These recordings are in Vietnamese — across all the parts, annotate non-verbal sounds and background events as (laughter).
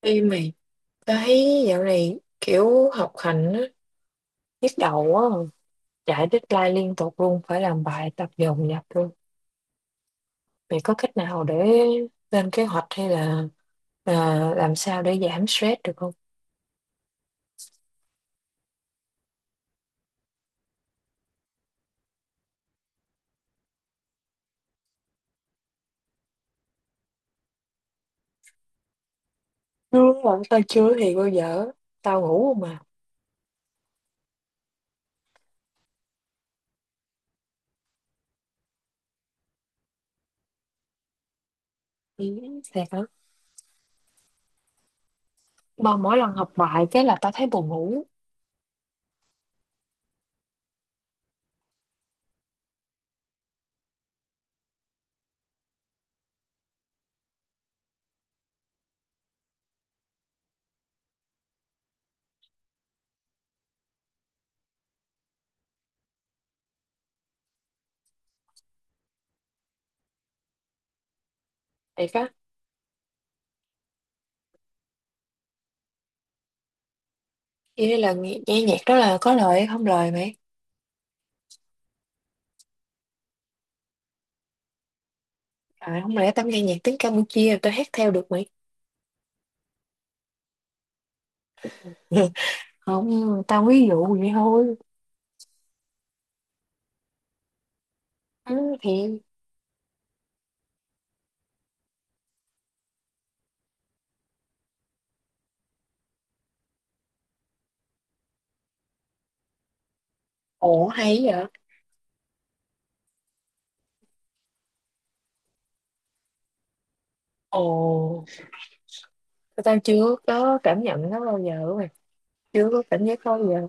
Ê mày, tao thấy dạo này kiểu học hành á, nhức đầu quá à. Chạy deadline liên tục luôn, phải làm bài tập dồn dập luôn. Mày có cách nào để lên kế hoạch hay là à, làm sao để giảm stress được không? Đúng rồi tao chưa thì bao giờ, tao ngủ không mà. Ừ, thiệt hả? Mà mỗi lần học bài cái là tao thấy buồn ngủ. Thiệt á, vậy là nghe nhạc đó là có lời hay không lời mày? À, không lẽ tao nghe nhạc tiếng Campuchia tao hát theo được mày? (laughs) Không, tao ví dụ vậy thôi. Ừ, thì. Ồ, hay vậy. Ồ, tao chưa có cảm nhận nó bao giờ mày. Chưa có cảm giác đó bao giờ.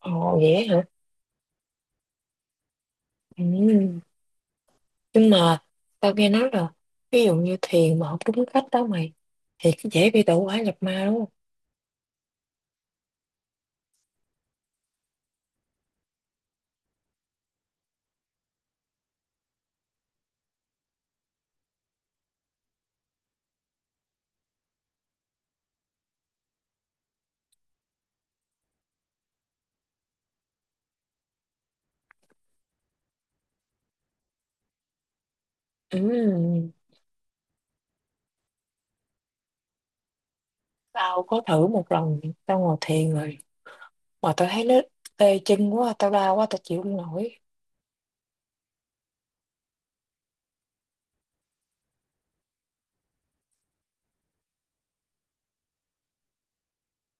Ồ vậy hả? Ừ. Nhưng mà tao nghe nói là ví dụ như thiền mà không đúng cách đó mày thì cái dễ bị tẩu hỏa nhập ma đúng không? Ừ. Tao có thử một lần tao ngồi thiền rồi mà tao thấy nó tê chân quá, tao đau quá, tao chịu không nổi.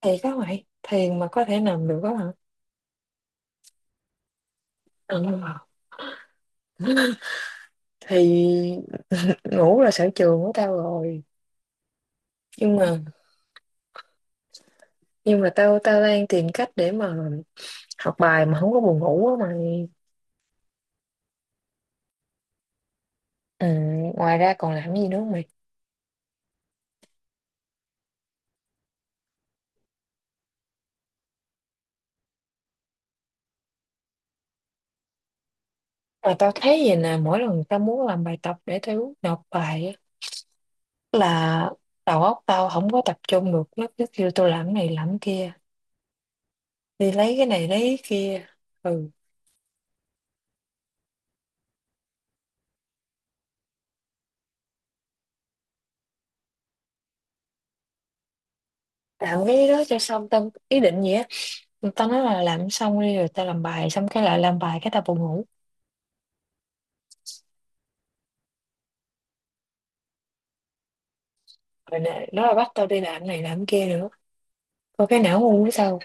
Thiệt đó mày, thiền mà có thể nằm được đó hả? Ừ. Thì (laughs) ngủ là sở trường của tao rồi. Nhưng mà nhưng mà tao tao đang tìm cách để mà học bài mà không có buồn ngủ á mày. Ừ, ngoài ra còn làm gì nữa không mày? Mà tao thấy vậy nè, mỗi lần tao muốn làm bài tập để tao nộp bài á là đầu óc tao không có tập trung được, nó cứ kêu tôi làm cái này làm cái kia, đi lấy cái này lấy cái kia. Ừ, làm cái đó cho xong tao ý định gì á, tao nói là làm xong đi rồi tao làm bài, xong cái lại làm bài cái tao buồn ngủ. Rồi nè nó là bắt tao đi làm cái này làm cái kia nữa, có cái não ngu của sao.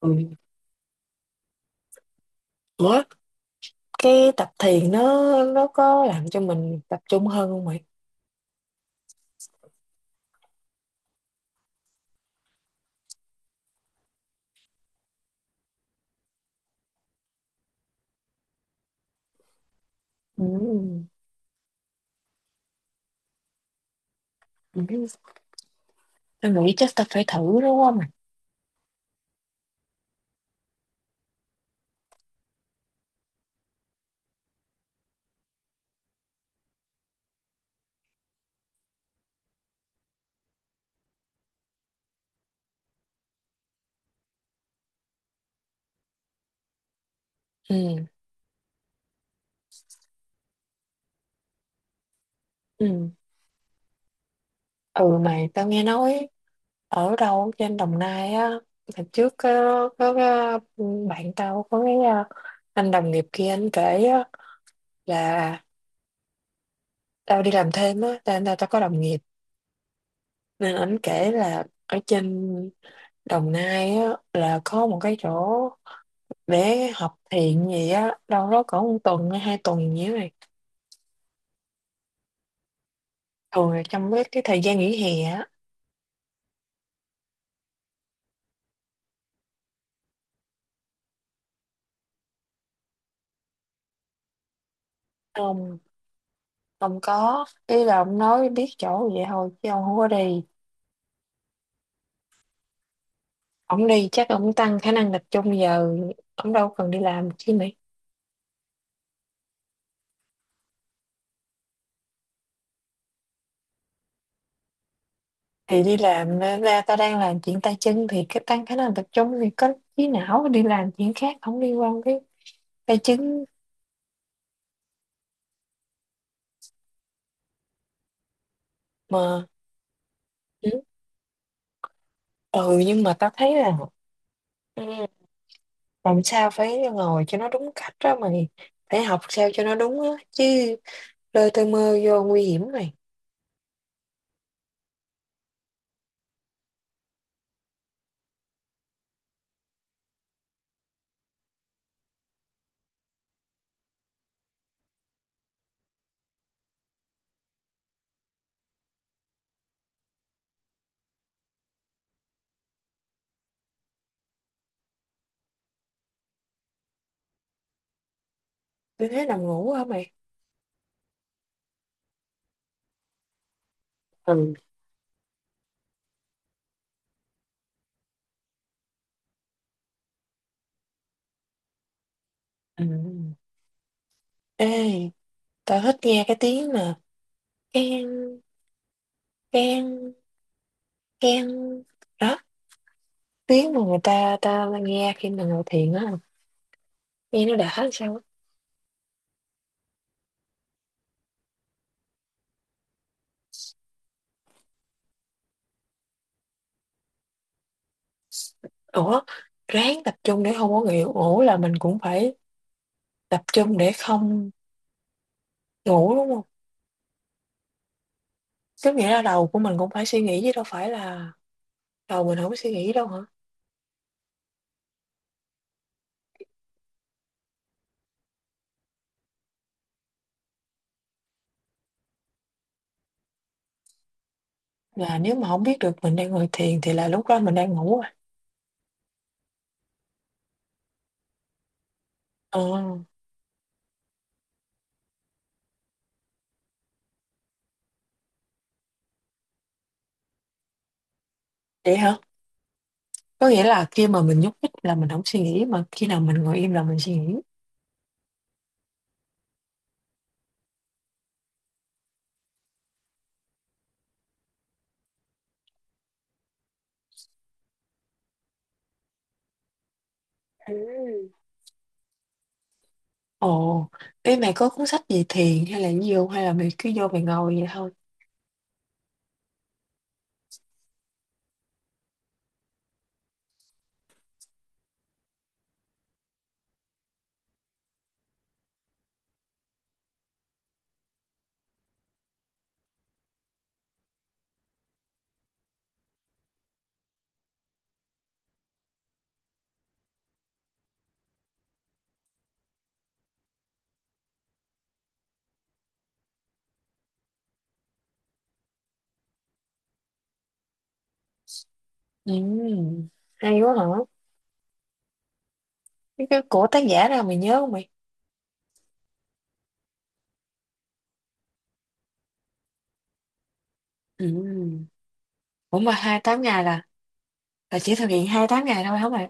Ừ. Ủa? Cái tập thiền nó có làm cho mình tập trung hơn không mày? Ừ. Ừ, tao nghĩ chắc tao phải thử đúng không mày? Ừ, ừ, ừ mày, tao nghe nói ở đâu trên Đồng Nai á, hồi trước có cái bạn tao có cái anh đồng nghiệp kia anh kể á, là tao đi làm thêm á tao tao tao có đồng nghiệp, nên anh kể là ở trên Đồng Nai á là có một cái chỗ để học thiền gì á đâu đó cỡ một tuần hay 2 tuần gì đó này, thường là trong cái thời gian nghỉ hè á. Ông ông có ý là ông nói biết chỗ vậy thôi chứ ông không có đi, ông đi chắc ông tăng khả năng tập trung giờ, ông đâu cần đi làm chi mày. Thì đi làm, ra ta đang làm chuyện tay chân thì cái tăng khả năng tập trung thì có trí não đi làm chuyện khác không liên quan cái tay chân mà. Ừ. Ừ, nhưng mà tao thấy là, ừ, làm sao phải ngồi cho nó đúng cách đó mày, phải học sao cho nó đúng á chứ, lơ tơ mơ vô nguy hiểm mày. Tôi thấy nằm ngủ hả mày? Ừ. Ừ. Ê, tao thích nghe cái tiếng mà keng keng keng đó, tiếng mà người ta ta nghe khi mà ngồi thiền á, nghe nó đã làm sao á. Ủa, ráng tập trung để không có nghỉ ngủ là mình cũng phải tập trung để không ngủ đúng không? Tức nghĩa là đầu của mình cũng phải suy nghĩ chứ đâu phải là đầu mình không có suy nghĩ đâu hả? Và nếu mà không biết được mình đang ngồi thiền thì là lúc đó mình đang ngủ rồi. Ờ, vậy hả? Có nghĩa là khi mà mình nhúc nhích là mình không suy nghĩ, mà khi nào mình ngồi im là mình suy nghĩ. Ừ. Ồ, ê, mày có cuốn sách về thiền hay là gì hông? Hay là mày cứ vô mày ngồi vậy thôi? Ừ, hay quá hả? Cái của tác giả nào mày nhớ không mày? Ừm. Ủa mà 28 ngày là chỉ thực hiện 28 ngày thôi hả mày?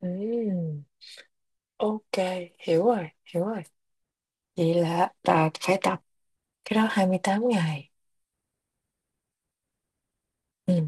Ừ, ok, hiểu rồi, hiểu rồi. Vậy là ta phải tập cái đó 28 ngày. Ừ